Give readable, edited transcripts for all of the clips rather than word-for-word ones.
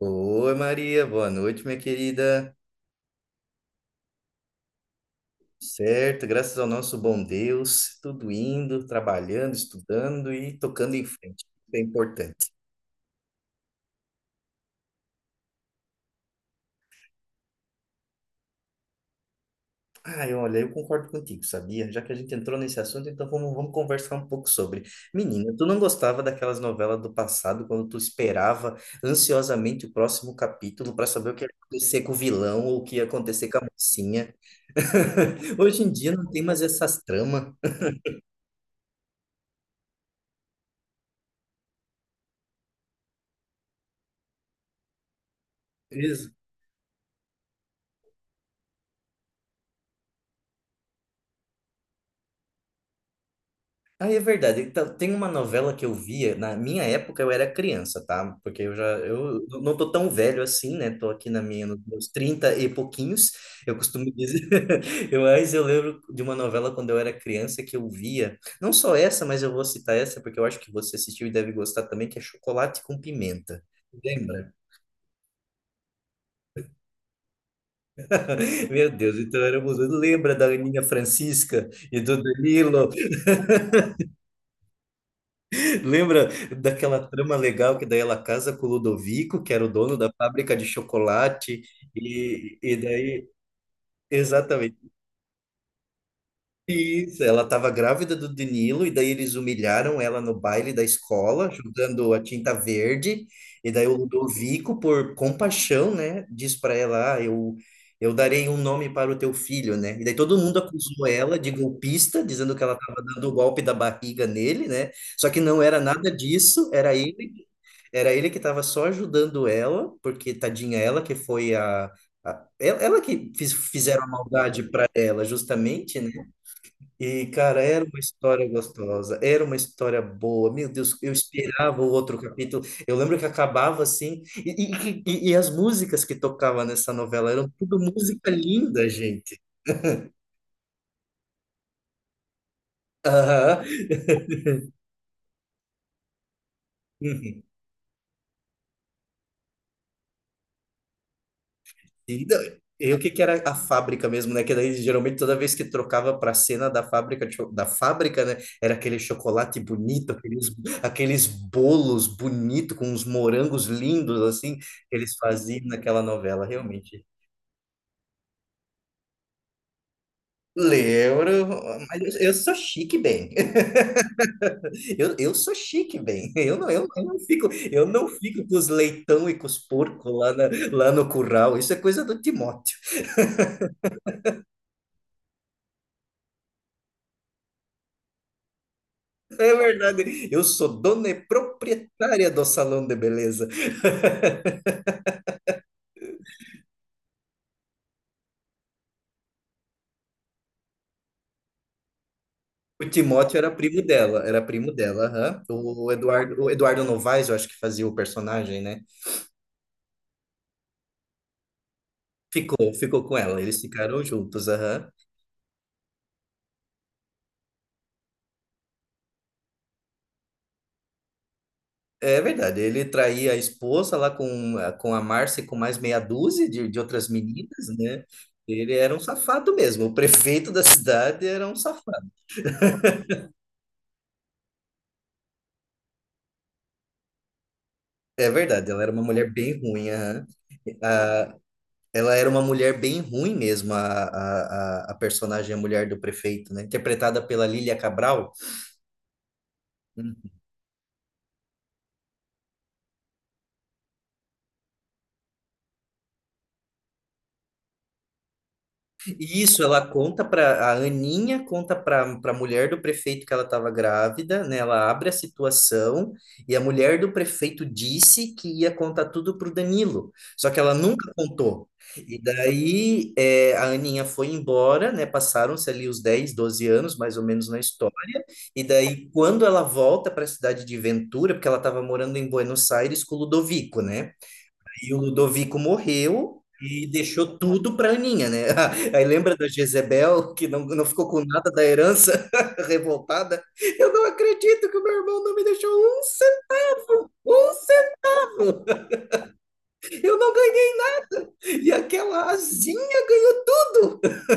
Oi, Maria, boa noite, minha querida. Certo, graças ao nosso bom Deus, tudo indo, trabalhando, estudando e tocando em frente. Isso é importante. Ai, olha, eu concordo contigo, sabia? Já que a gente entrou nesse assunto, então vamos conversar um pouco sobre. Menina, tu não gostava daquelas novelas do passado, quando tu esperava ansiosamente o próximo capítulo para saber o que ia acontecer com o vilão ou o que ia acontecer com a mocinha? Hoje em dia não tem mais essas tramas. Ah, é verdade. Então, tem uma novela que eu via, na minha época eu era criança, tá? Porque eu não tô tão velho assim, né? Tô aqui nos meus 30 e pouquinhos, eu costumo dizer. Mas eu lembro de uma novela quando eu era criança que eu via, não só essa, mas eu vou citar essa porque eu acho que você assistiu e deve gostar também, que é Chocolate com Pimenta. Lembra? Meu Deus, então éramos. Lembra da Aninha Francisca e do Danilo? Lembra daquela trama legal que daí ela casa com o Ludovico, que era o dono da fábrica de chocolate, e daí, exatamente. Isso, ela estava grávida do Danilo, e daí eles humilharam ela no baile da escola, jogando a tinta verde, e daí o Ludovico, por compaixão, né, diz para ela, ah, eu darei um nome para o teu filho, né, e daí todo mundo acusou ela de golpista, dizendo que ela estava dando o golpe da barriga nele, né, só que não era nada disso, era ele que estava só ajudando ela, porque tadinha ela que foi a... Ela que fizeram a maldade para ela, justamente, né? E, cara, era uma história gostosa, era uma história boa. Meu Deus, eu esperava o outro capítulo. Eu lembro que acabava assim, e as músicas que tocava nessa novela eram tudo música linda, gente. Aham. Uhum. E não, e o que que era a fábrica mesmo, né? Que daí geralmente toda vez que trocava para a cena da fábrica, da fábrica, né? Era aquele chocolate bonito, aqueles bolos bonitos com uns morangos lindos assim que eles faziam naquela novela. Realmente. Lembro, mas eu sou chique bem. Eu sou chique bem. Eu não fico com os leitão e com os porcos lá, lá no curral. Isso é coisa do Timóteo. É verdade. Eu sou dona e proprietária do salão de beleza. O Timóteo era primo dela, aham. O Eduardo Novaes, eu acho que fazia o personagem, né? Ficou, ficou com ela. Eles ficaram juntos, aham. É verdade, ele traía a esposa lá com a Márcia e com mais meia dúzia de outras meninas, né? Ele era um safado mesmo, o prefeito da cidade era um safado. É verdade, ela era uma mulher bem ruim, aham. Ah, ela era uma mulher bem ruim mesmo, a personagem, a mulher do prefeito, né? Interpretada pela Lília Cabral. E isso, ela conta para a mulher do prefeito que ela estava grávida, né? Ela abre a situação e a mulher do prefeito disse que ia contar tudo para o Danilo, só que ela nunca contou. E daí é, a Aninha foi embora, né? Passaram-se ali os 10 12 anos, mais ou menos, na história. E daí, quando ela volta para a cidade de Ventura, porque ela estava morando em Buenos Aires com o Ludovico, né? E o Ludovico morreu e deixou tudo para Aninha, né? Aí lembra da Jezebel, que não ficou com nada da herança, revoltada? Eu não acredito que o meu irmão não me deixou um centavo! Um centavo! Eu não ganhei! E aquela asinha ganhou tudo!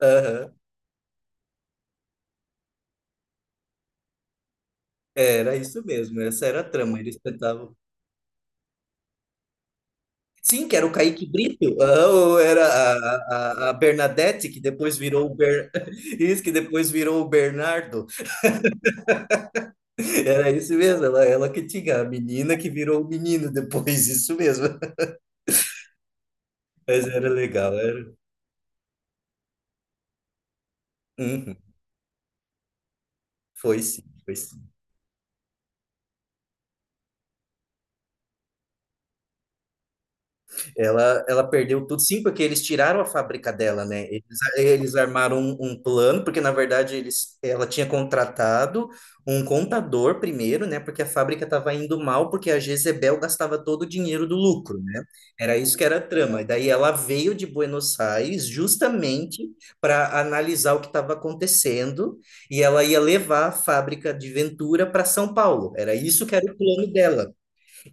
Aham. Era isso mesmo, essa era a trama, eles tentavam. Sim, que era o Kaique Brito, ah, ou era a Bernadette, que depois virou o Ber... Isso, que depois virou o Bernardo. Era isso mesmo, ela que tinha a menina que virou o menino depois, isso mesmo. Mas era legal, era. Uhum, foi sim, foi sim. Ela perdeu tudo, sim, porque eles tiraram a fábrica dela, né? Eles armaram um plano, porque na verdade ela tinha contratado um contador primeiro, né? Porque a fábrica estava indo mal, porque a Jezebel gastava todo o dinheiro do lucro, né? Era isso que era a trama. E daí ela veio de Buenos Aires justamente para analisar o que estava acontecendo e ela ia levar a fábrica de Ventura para São Paulo. Era isso que era o plano dela.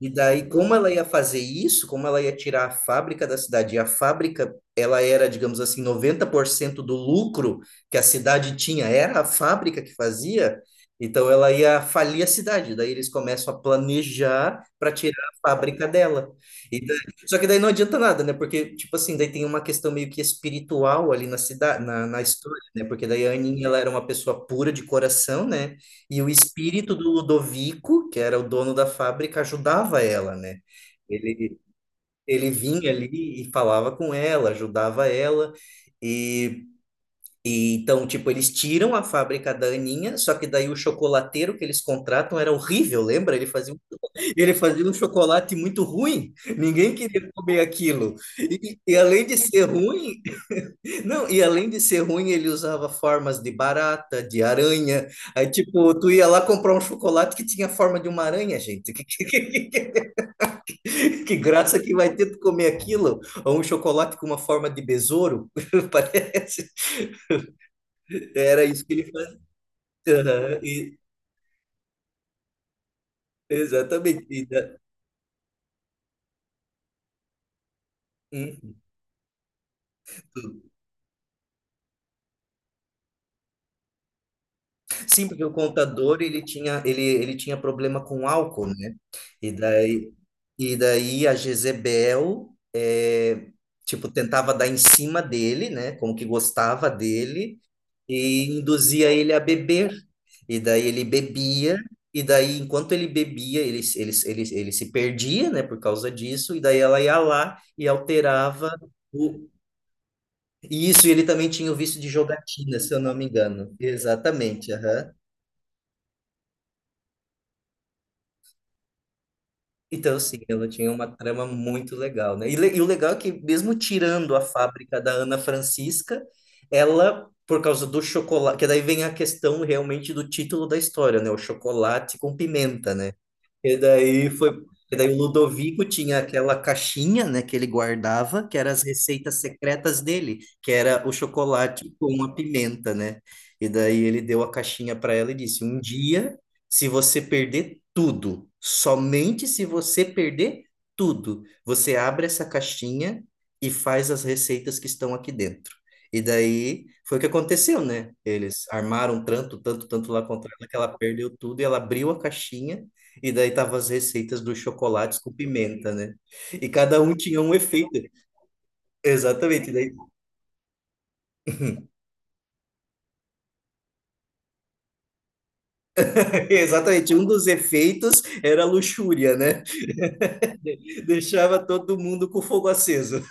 E daí, como ela ia fazer isso, como ela ia tirar a fábrica da cidade, e a fábrica, ela era, digamos assim, 90% do lucro que a cidade tinha, era a fábrica que fazia, então ela ia falir a cidade. Daí eles começam a planejar para tirar a fábrica dela. E daí- só que daí não adianta nada, né? Porque, tipo assim, daí tem uma questão meio que espiritual ali na cidade, na história, né? Porque daí a Aninha, ela era uma pessoa pura de coração, né? E o espírito do Ludovico, que era o dono da fábrica, ajudava ela, né? Ele, ele vinha ali e falava com ela, ajudava ela. E, e então, tipo, eles tiram a fábrica da Aninha, só que daí o chocolateiro que eles contratam era horrível, lembra? Ele fazia, ele fazia um chocolate muito ruim, ninguém queria comer aquilo. E além de ser ruim, não, e além de ser ruim, ele usava formas de barata, de aranha. Aí, tipo, tu ia lá comprar um chocolate que tinha a forma de uma aranha, gente. Que graça que vai ter tu comer aquilo? Ou um chocolate com uma forma de besouro, parece. Era isso que ele fazia. Aham, exatamente. Hum. Sim, porque o contador ele tinha problema com álcool, né? E daí e daí a Jezebel é, tipo tentava dar em cima dele, né? Como que gostava dele e induzia ele a beber. E daí ele bebia e daí enquanto ele bebia ele se perdia, né? Por causa disso e daí ela ia lá e alterava o e isso e ele também tinha o vício de jogatina, se eu não me engano. Exatamente, aham. Então, sim, ela tinha uma trama muito legal, né? E o legal é que, mesmo tirando a fábrica da Ana Francisca, ela, por causa do chocolate, que daí vem a questão realmente do título da história, né? O chocolate com pimenta, né? E daí foi. E daí o Ludovico tinha aquela caixinha, né, que ele guardava, que era as receitas secretas dele, que era o chocolate com a pimenta, né? E daí ele deu a caixinha para ela e disse: Um dia se você perder tudo, somente se você perder tudo, você abre essa caixinha e faz as receitas que estão aqui dentro. E daí foi o que aconteceu, né? Eles armaram tanto, tanto, tanto lá contra ela que ela perdeu tudo e ela abriu a caixinha e daí tava as receitas dos chocolates com pimenta, né? E cada um tinha um efeito. Exatamente, daí, exatamente. Um dos efeitos era a luxúria, né? Deixava todo mundo com o fogo aceso.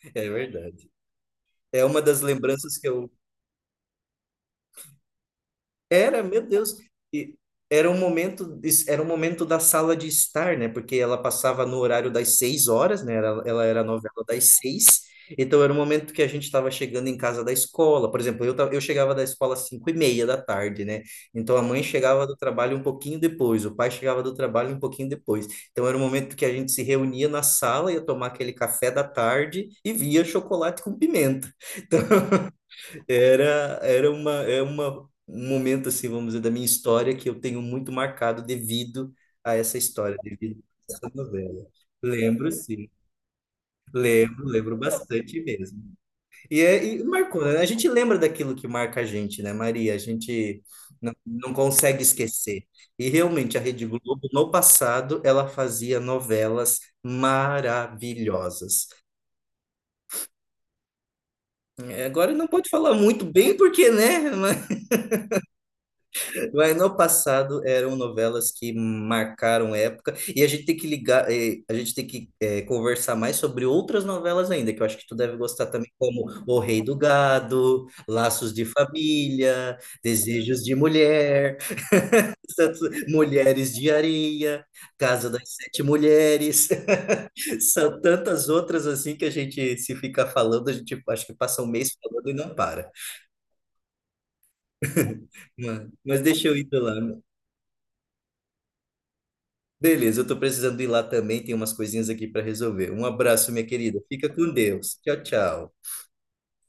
É verdade. É uma das lembranças que eu era, meu Deus, e era um momento, era um momento da sala de estar, né? Porque ela passava no horário das 6 horas, né? Era, ela era a novela das seis, então era o momento que a gente estava chegando em casa da escola. Por exemplo, eu chegava da escola às 5:30 da tarde, né? Então a mãe chegava do trabalho um pouquinho depois, o pai chegava do trabalho um pouquinho depois. Então era o momento que a gente se reunia na sala, ia tomar aquele café da tarde e via chocolate com pimenta. Então, Era, era uma, é uma, um momento, assim, vamos dizer, da minha história que eu tenho muito marcado devido a essa história, devido a essa novela. Lembro, sim. Lembro, lembro bastante mesmo. E marcou, né? A gente lembra daquilo que marca a gente, né, Maria? A gente não consegue esquecer. E realmente, a Rede Globo, no passado, ela fazia novelas maravilhosas. É, agora não pode falar muito bem, porque, né? Mas no passado eram novelas que marcaram época e a gente tem que ligar, a gente tem que conversar mais sobre outras novelas ainda, que eu acho que tu deve gostar também, como O Rei do Gado, Laços de Família, Desejos de Mulher, Mulheres de Areia, Casa das Sete Mulheres. São tantas outras assim que a gente se fica falando, a gente acho que passa um mês falando e não para. Mas deixa eu ir lá. Beleza, eu tô precisando ir lá também, tem umas coisinhas aqui para resolver. Um abraço, minha querida. Fica com Deus. Tchau, tchau.